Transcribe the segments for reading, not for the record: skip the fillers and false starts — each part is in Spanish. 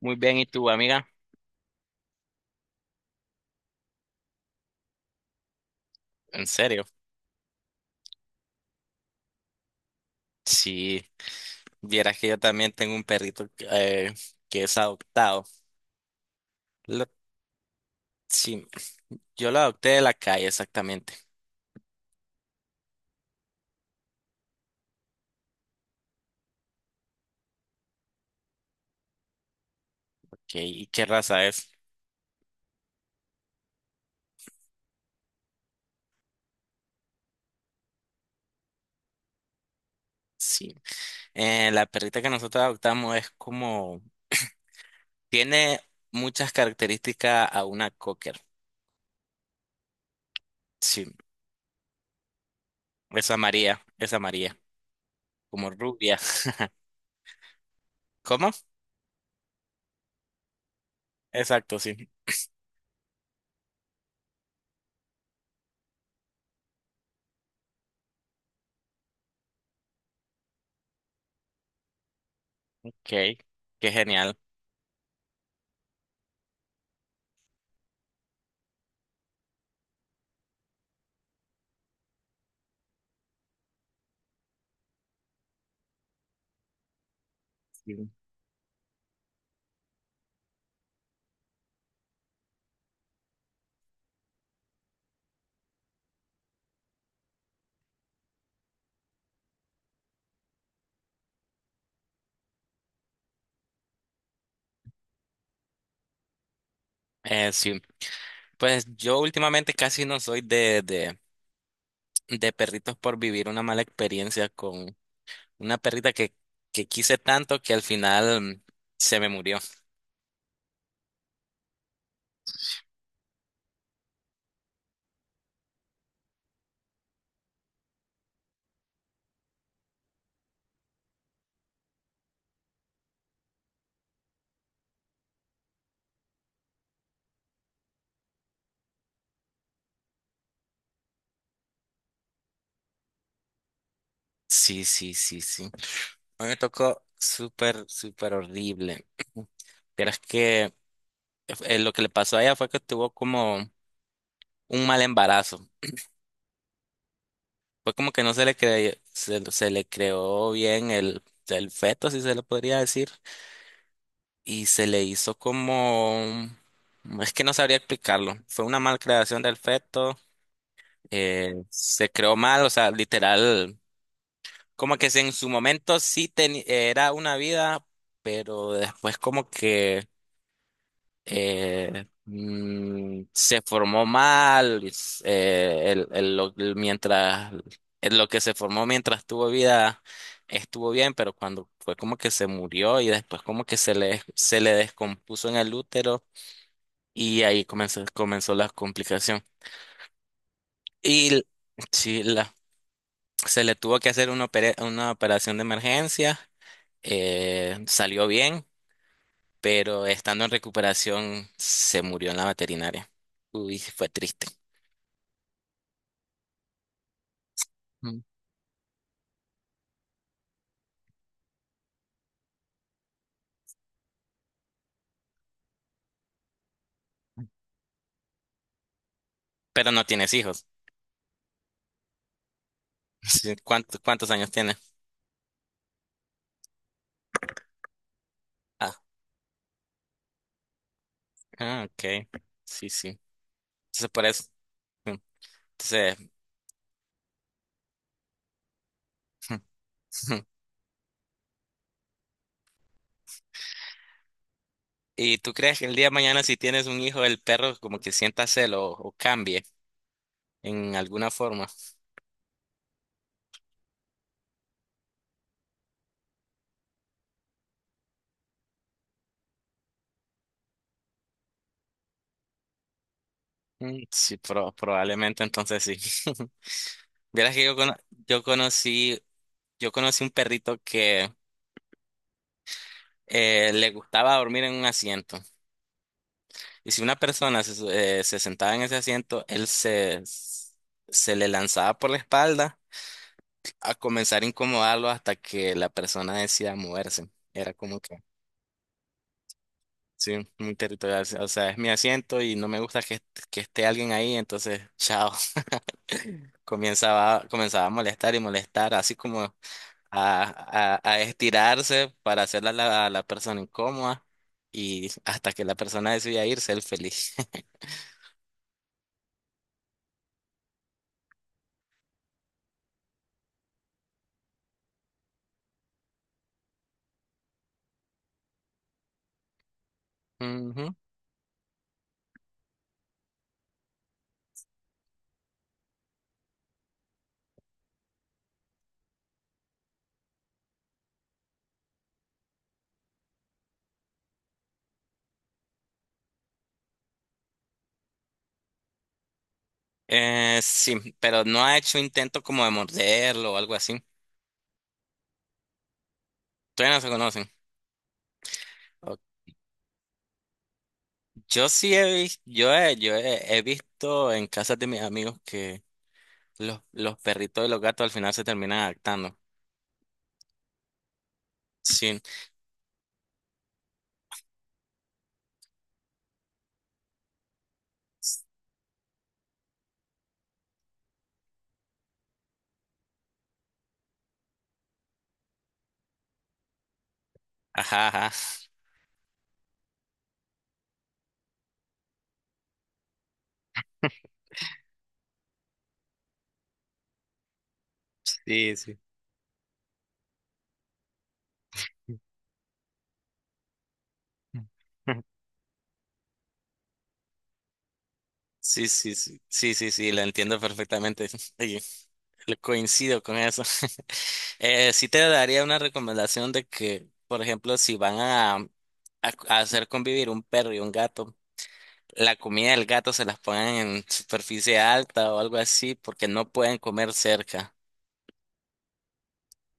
Muy bien, ¿y tú, amiga? En serio, si vieras que yo también tengo un perrito que es adoptado. Lo- sí, yo lo adopté de la calle, exactamente. Ok, ¿y qué raza es? Sí, la perrita que nosotros adoptamos es como, tiene muchas características a una cocker. Sí, es amarilla, como rubia. ¿Cómo? Exacto, sí. Ok, qué genial. Sí. Sí, pues yo últimamente casi no soy de perritos por vivir una mala experiencia con una perrita que quise tanto que al final se me murió. Sí, sí, sí, sí. A mí me tocó súper, súper horrible. Pero es que lo que le pasó a ella fue que tuvo como un mal embarazo. Fue como que no se le cre- se le creó bien el feto, si se lo podría decir. Y se le hizo como... Es que no sabría explicarlo. Fue una malcreación del feto, se creó mal, o sea, literal, como que en su momento sí era una vida, pero después como que se formó mal, es- el lo- el mientras, el lo que se formó mientras tuvo vida estuvo bien, pero cuando fue como que se murió y después como que se le descompuso en el útero y ahí comenzó la complicación. Y l- sí, la se le tuvo que hacer una operación de emergencia, salió bien, pero estando en recuperación se murió en la veterinaria. Uy, fue triste. Mm. Pero no tienes hijos. Sí, ¿cuántos años tienes? Ah, ah, ok. Sí, sí. Entonces por eso. mm, Entonces, ¿y tú crees que el día de mañana si tienes un hijo, el perro como que sienta celo o cambie en alguna forma? Mm, sí, probablemente entonces sí. Vieras que yo conocí Yo conocí un perrito que le gustaba dormir en un asiento. Y si una persona se sentaba en ese asiento, él se, se le lanzaba por la espalda a comenzar a incomodarlo hasta que la persona decía moverse. Era como que, sí, muy territorial. O sea, es mi asiento y no me gusta que esté alguien ahí. Entonces, chao. Comenzaba a molestar y molestar, así como a estirarse para hacerla a la persona incómoda y hasta que la persona decida irse, él feliz. Ujú. Sí, pero no ha hecho intento como de morderlo o algo así. Todavía no se conocen. O- Yo sí he visto, he visto en casas de mis amigos que los perritos y los gatos al final se terminan adaptando. Sí, ajá, ajá. Sí, sí. Sí, sí, sí, sí, sí, sí, la entiendo perfectamente. Le coincido con eso. Sí, te daría una recomendación de que, por ejemplo, si van a hacer convivir un perro y un gato, la comida del gato se las pongan en superficie alta o algo así, porque no pueden comer cerca.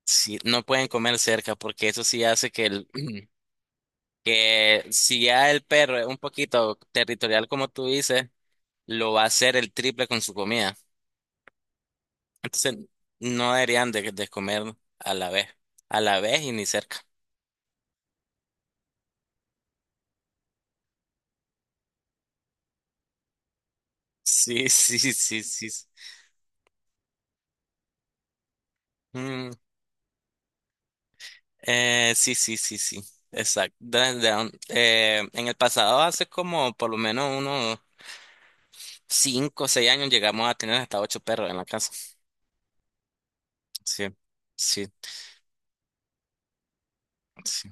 Sí, no pueden comer cerca, porque eso sí hace que el, que si ya el perro es un poquito territorial como tú dices, lo va a hacer el triple con su comida. Entonces, no deberían de comer a la vez, a la vez y ni cerca. Sí, sí, sí, sí. Sí. Mm, sí, sí, sí, sí. Exacto. Dun Down. En el pasado, hace como por lo menos unos 5 o 6 años, llegamos a tener hasta ocho perros en la casa. Sí, sí, sí.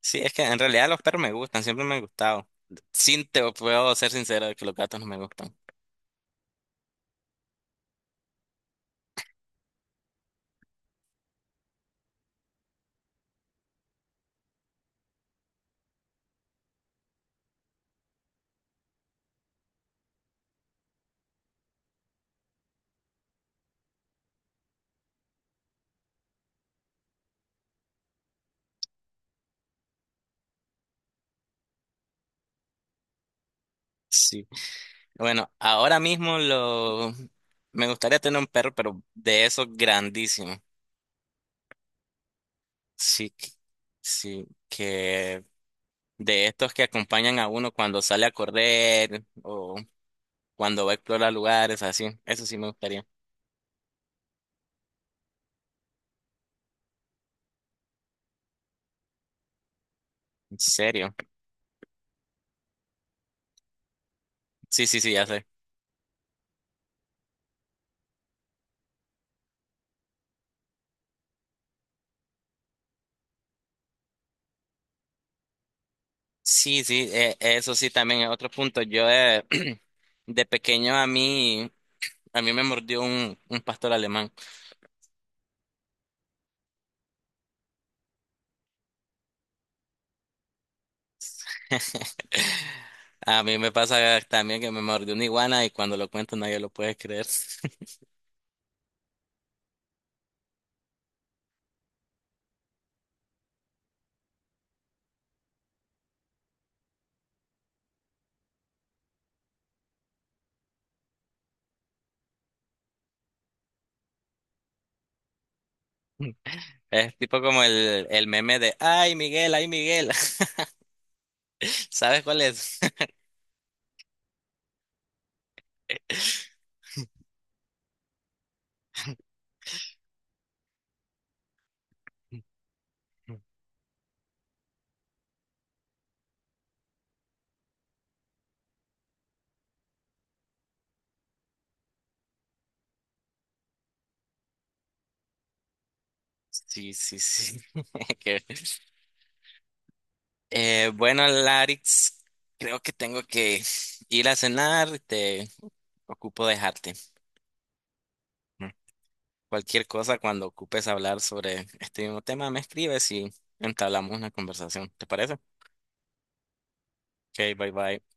Sí, es que en realidad los perros me gustan, siempre me han gustado. Sí, te puedo ser sincero de que los gatos no me gustan. Sí. Bueno, ahora mismo lo... me gustaría tener un perro, pero de esos grandísimos. Sí, que de estos que acompañan a uno cuando sale a correr o cuando va a explorar lugares, así. Eso sí me gustaría. ¿En serio? Sí, sí, sí, ya sé. Sí, sí, eso sí también es otro punto. Yo, de pequeño a mí me mordió un pastor alemán. A mí me pasa también que me mordió una iguana y cuando lo cuento nadie lo puede creer. Es tipo como el meme de, ay, Miguel, ay, Miguel. ¿Sabes cuál es? Sí, sí, sí. Que- bueno, Larix, creo que tengo que ir a cenar. Te ocupo dejarte. Mm. Cualquier cosa, cuando ocupes hablar sobre este mismo tema, me escribes y entablamos una conversación. ¿Te parece? Ok, bye bye.